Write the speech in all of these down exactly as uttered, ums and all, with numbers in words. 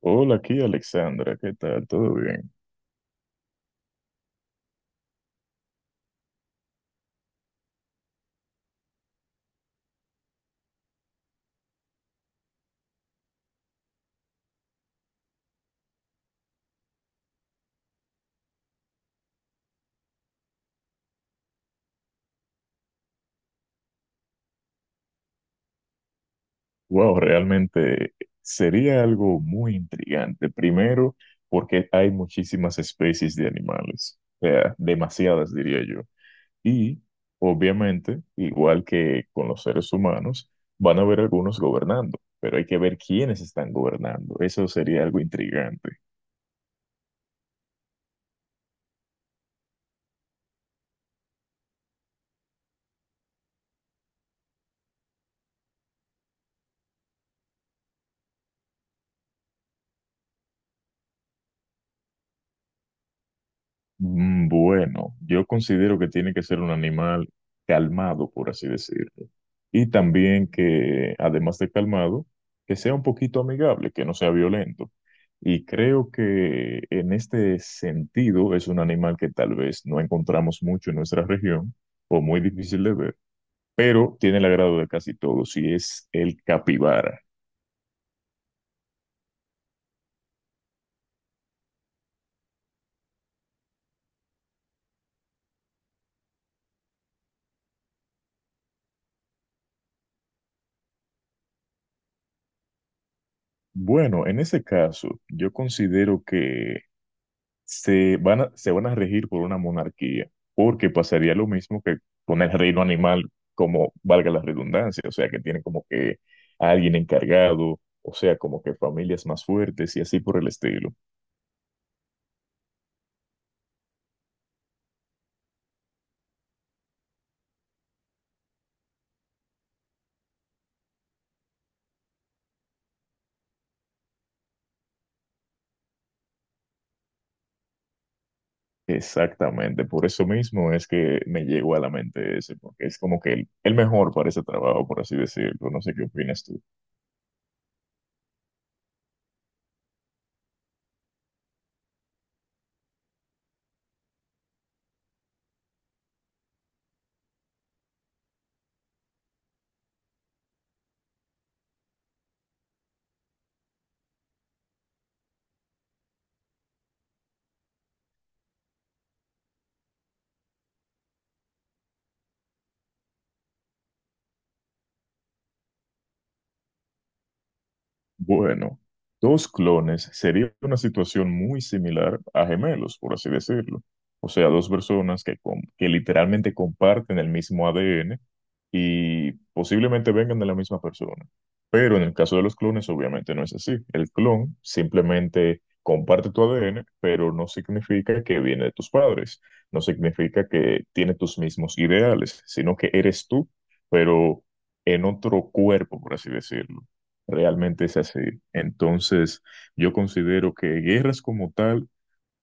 Hola, aquí Alexandra, ¿qué tal? ¿Todo bien? Wow, realmente sería algo muy intrigante. Primero, porque hay muchísimas especies de animales, o sea, demasiadas diría yo. Y, obviamente, igual que con los seres humanos, van a haber algunos gobernando, pero hay que ver quiénes están gobernando. Eso sería algo intrigante. Mm, Bueno, yo considero que tiene que ser un animal calmado, por así decirlo. Y también que, además de calmado, que sea un poquito amigable, que no sea violento. Y creo que en este sentido es un animal que tal vez no encontramos mucho en nuestra región o muy difícil de ver, pero tiene el agrado de casi todos y es el capibara. Bueno, en ese caso, yo considero que se van a, se van a regir por una monarquía, porque pasaría lo mismo que con el reino animal, como valga la redundancia, o sea, que tienen como que a alguien encargado, o sea, como que familias más fuertes y así por el estilo. Exactamente, por eso mismo es que me llegó a la mente ese, porque es como que el, el mejor para ese trabajo, por así decirlo. No sé qué opinas tú. Bueno, dos clones sería una situación muy similar a gemelos, por así decirlo. O sea, dos personas que, com- que literalmente comparten el mismo A D N y posiblemente vengan de la misma persona. Pero en el caso de los clones, obviamente no es así. El clon simplemente comparte tu A D N, pero no significa que viene de tus padres, no significa que tiene tus mismos ideales, sino que eres tú, pero en otro cuerpo, por así decirlo. Realmente es así. Entonces, yo considero que guerras como tal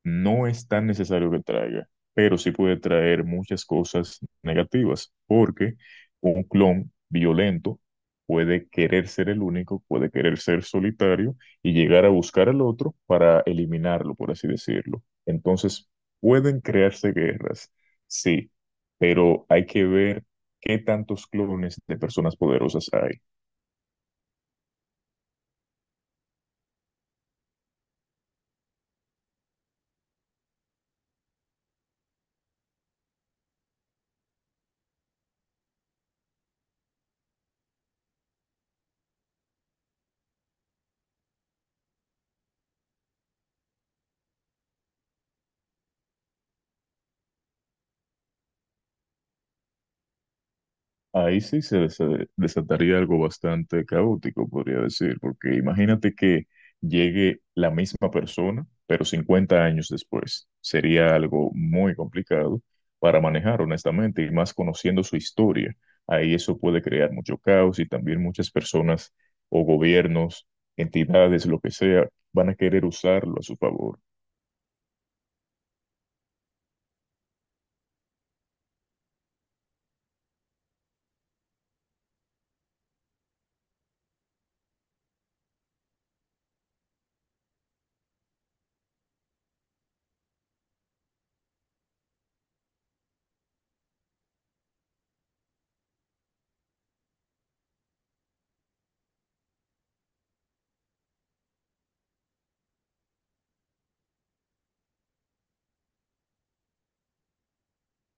no es tan necesario que traiga, pero sí puede traer muchas cosas negativas, porque un clon violento puede querer ser el único, puede querer ser solitario y llegar a buscar al otro para eliminarlo, por así decirlo. Entonces, pueden crearse guerras, sí, pero hay que ver qué tantos clones de personas poderosas hay. Ahí sí se desa- desataría algo bastante caótico, podría decir, porque imagínate que llegue la misma persona, pero cincuenta años después. Sería algo muy complicado para manejar, honestamente, y más conociendo su historia. Ahí eso puede crear mucho caos y también muchas personas o gobiernos, entidades, lo que sea, van a querer usarlo a su favor.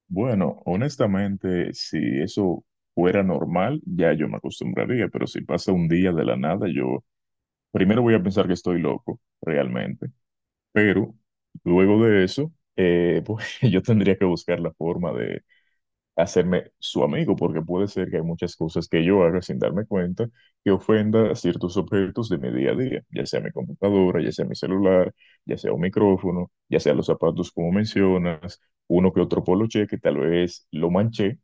Bueno, honestamente, si eso fuera normal, ya yo me acostumbraría, pero si pasa un día de la nada, yo primero voy a pensar que estoy loco, realmente, pero luego de eso, eh, pues yo tendría que buscar la forma hacerme su amigo, porque puede ser que hay muchas cosas que yo haga sin darme cuenta que ofenda a ciertos objetos de mi día a día, ya sea mi computadora, ya sea mi celular, ya sea un micrófono, ya sea los zapatos como mencionas, uno que otro poloche que tal vez lo manché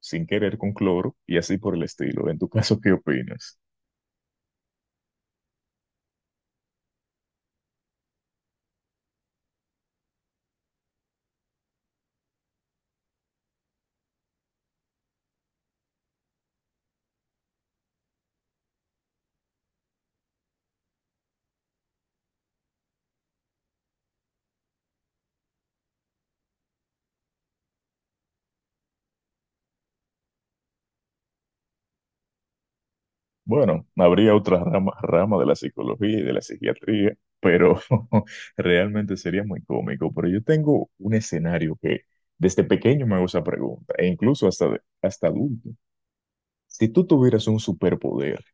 sin querer con cloro y así por el estilo. En tu caso, ¿qué opinas? Bueno, habría otra rama, rama de la psicología y de la psiquiatría, pero realmente sería muy cómico. Pero yo tengo un escenario que desde pequeño me hago esa pregunta, e incluso hasta, de- hasta adulto. Si tú tuvieras un superpoder,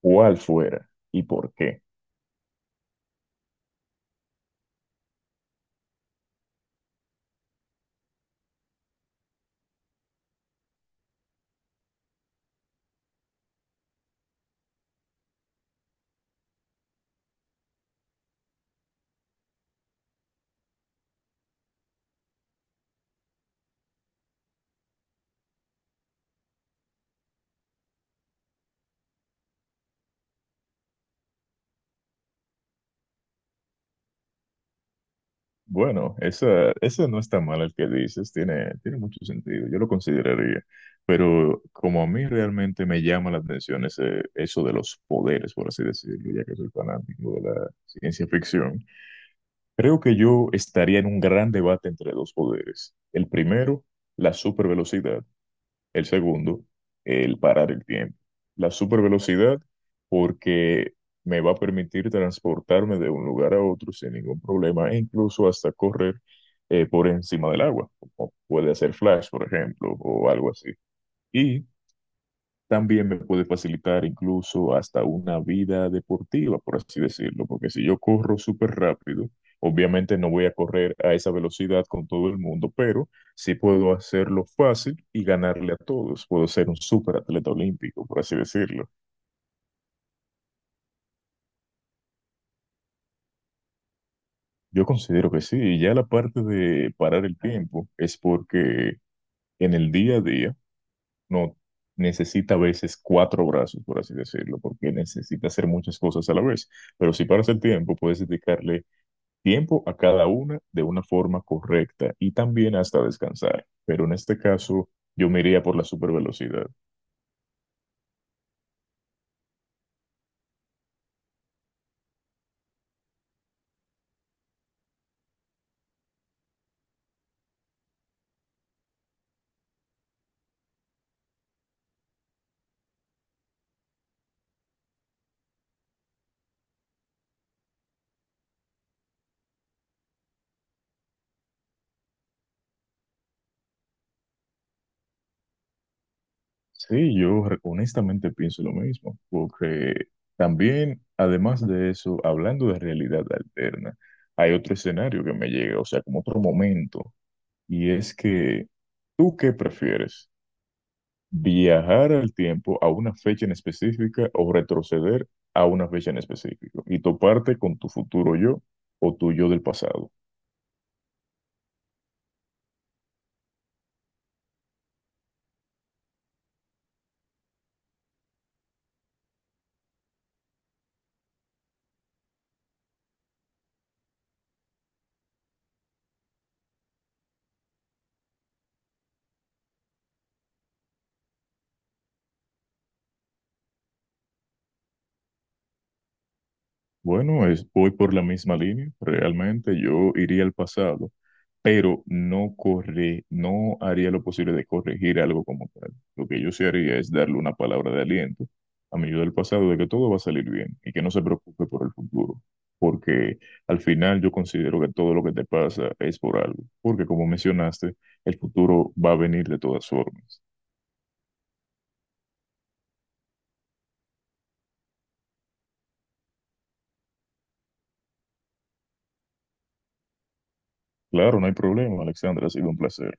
¿cuál fuera y por qué? Bueno, esa, ese no está mal el que dices, tiene, tiene mucho sentido, yo lo consideraría. Pero como a mí realmente me llama la atención ese, eso de los poderes, por así decirlo, ya que soy fanático de la ciencia ficción. Creo que yo estaría en un gran debate entre dos poderes. El primero, la supervelocidad. El segundo, el parar el tiempo. La supervelocidad porque me va a permitir transportarme de un lugar a otro sin ningún problema e incluso hasta correr eh, por encima del agua, como puede hacer Flash, por ejemplo, o algo así. Y también me puede facilitar incluso hasta una vida deportiva, por así decirlo, porque si yo corro súper rápido, obviamente no voy a correr a esa velocidad con todo el mundo, pero sí puedo hacerlo fácil y ganarle a todos. Puedo ser un súper atleta olímpico, por así decirlo. Yo considero que sí, y ya la parte de parar el tiempo es porque en el día a día no necesita a veces cuatro brazos, por así decirlo, porque necesita hacer muchas cosas a la vez. Pero si paras el tiempo, puedes dedicarle tiempo a cada una de una forma correcta y también hasta descansar. Pero en este caso, yo me iría por la supervelocidad. Sí, yo re- honestamente pienso lo mismo, porque también, además de eso, hablando de realidad alterna, hay otro escenario que me llega, o sea, como otro momento, y es que, ¿tú qué prefieres? ¿Viajar al tiempo a una fecha en específica o retroceder a una fecha en específico y toparte con tu futuro yo o tu yo del pasado? Bueno, es, voy por la misma línea. Realmente yo iría al pasado, pero no corre, no haría lo posible de corregir algo como tal. Lo que yo sí haría es darle una palabra de aliento a mi yo del pasado de que todo va a salir bien y que no se preocupe por el futuro, porque al final yo considero que todo lo que te pasa es por algo, porque como mencionaste, el futuro va a venir de todas formas. Claro, no hay problema, Alexandra, ha sido un placer.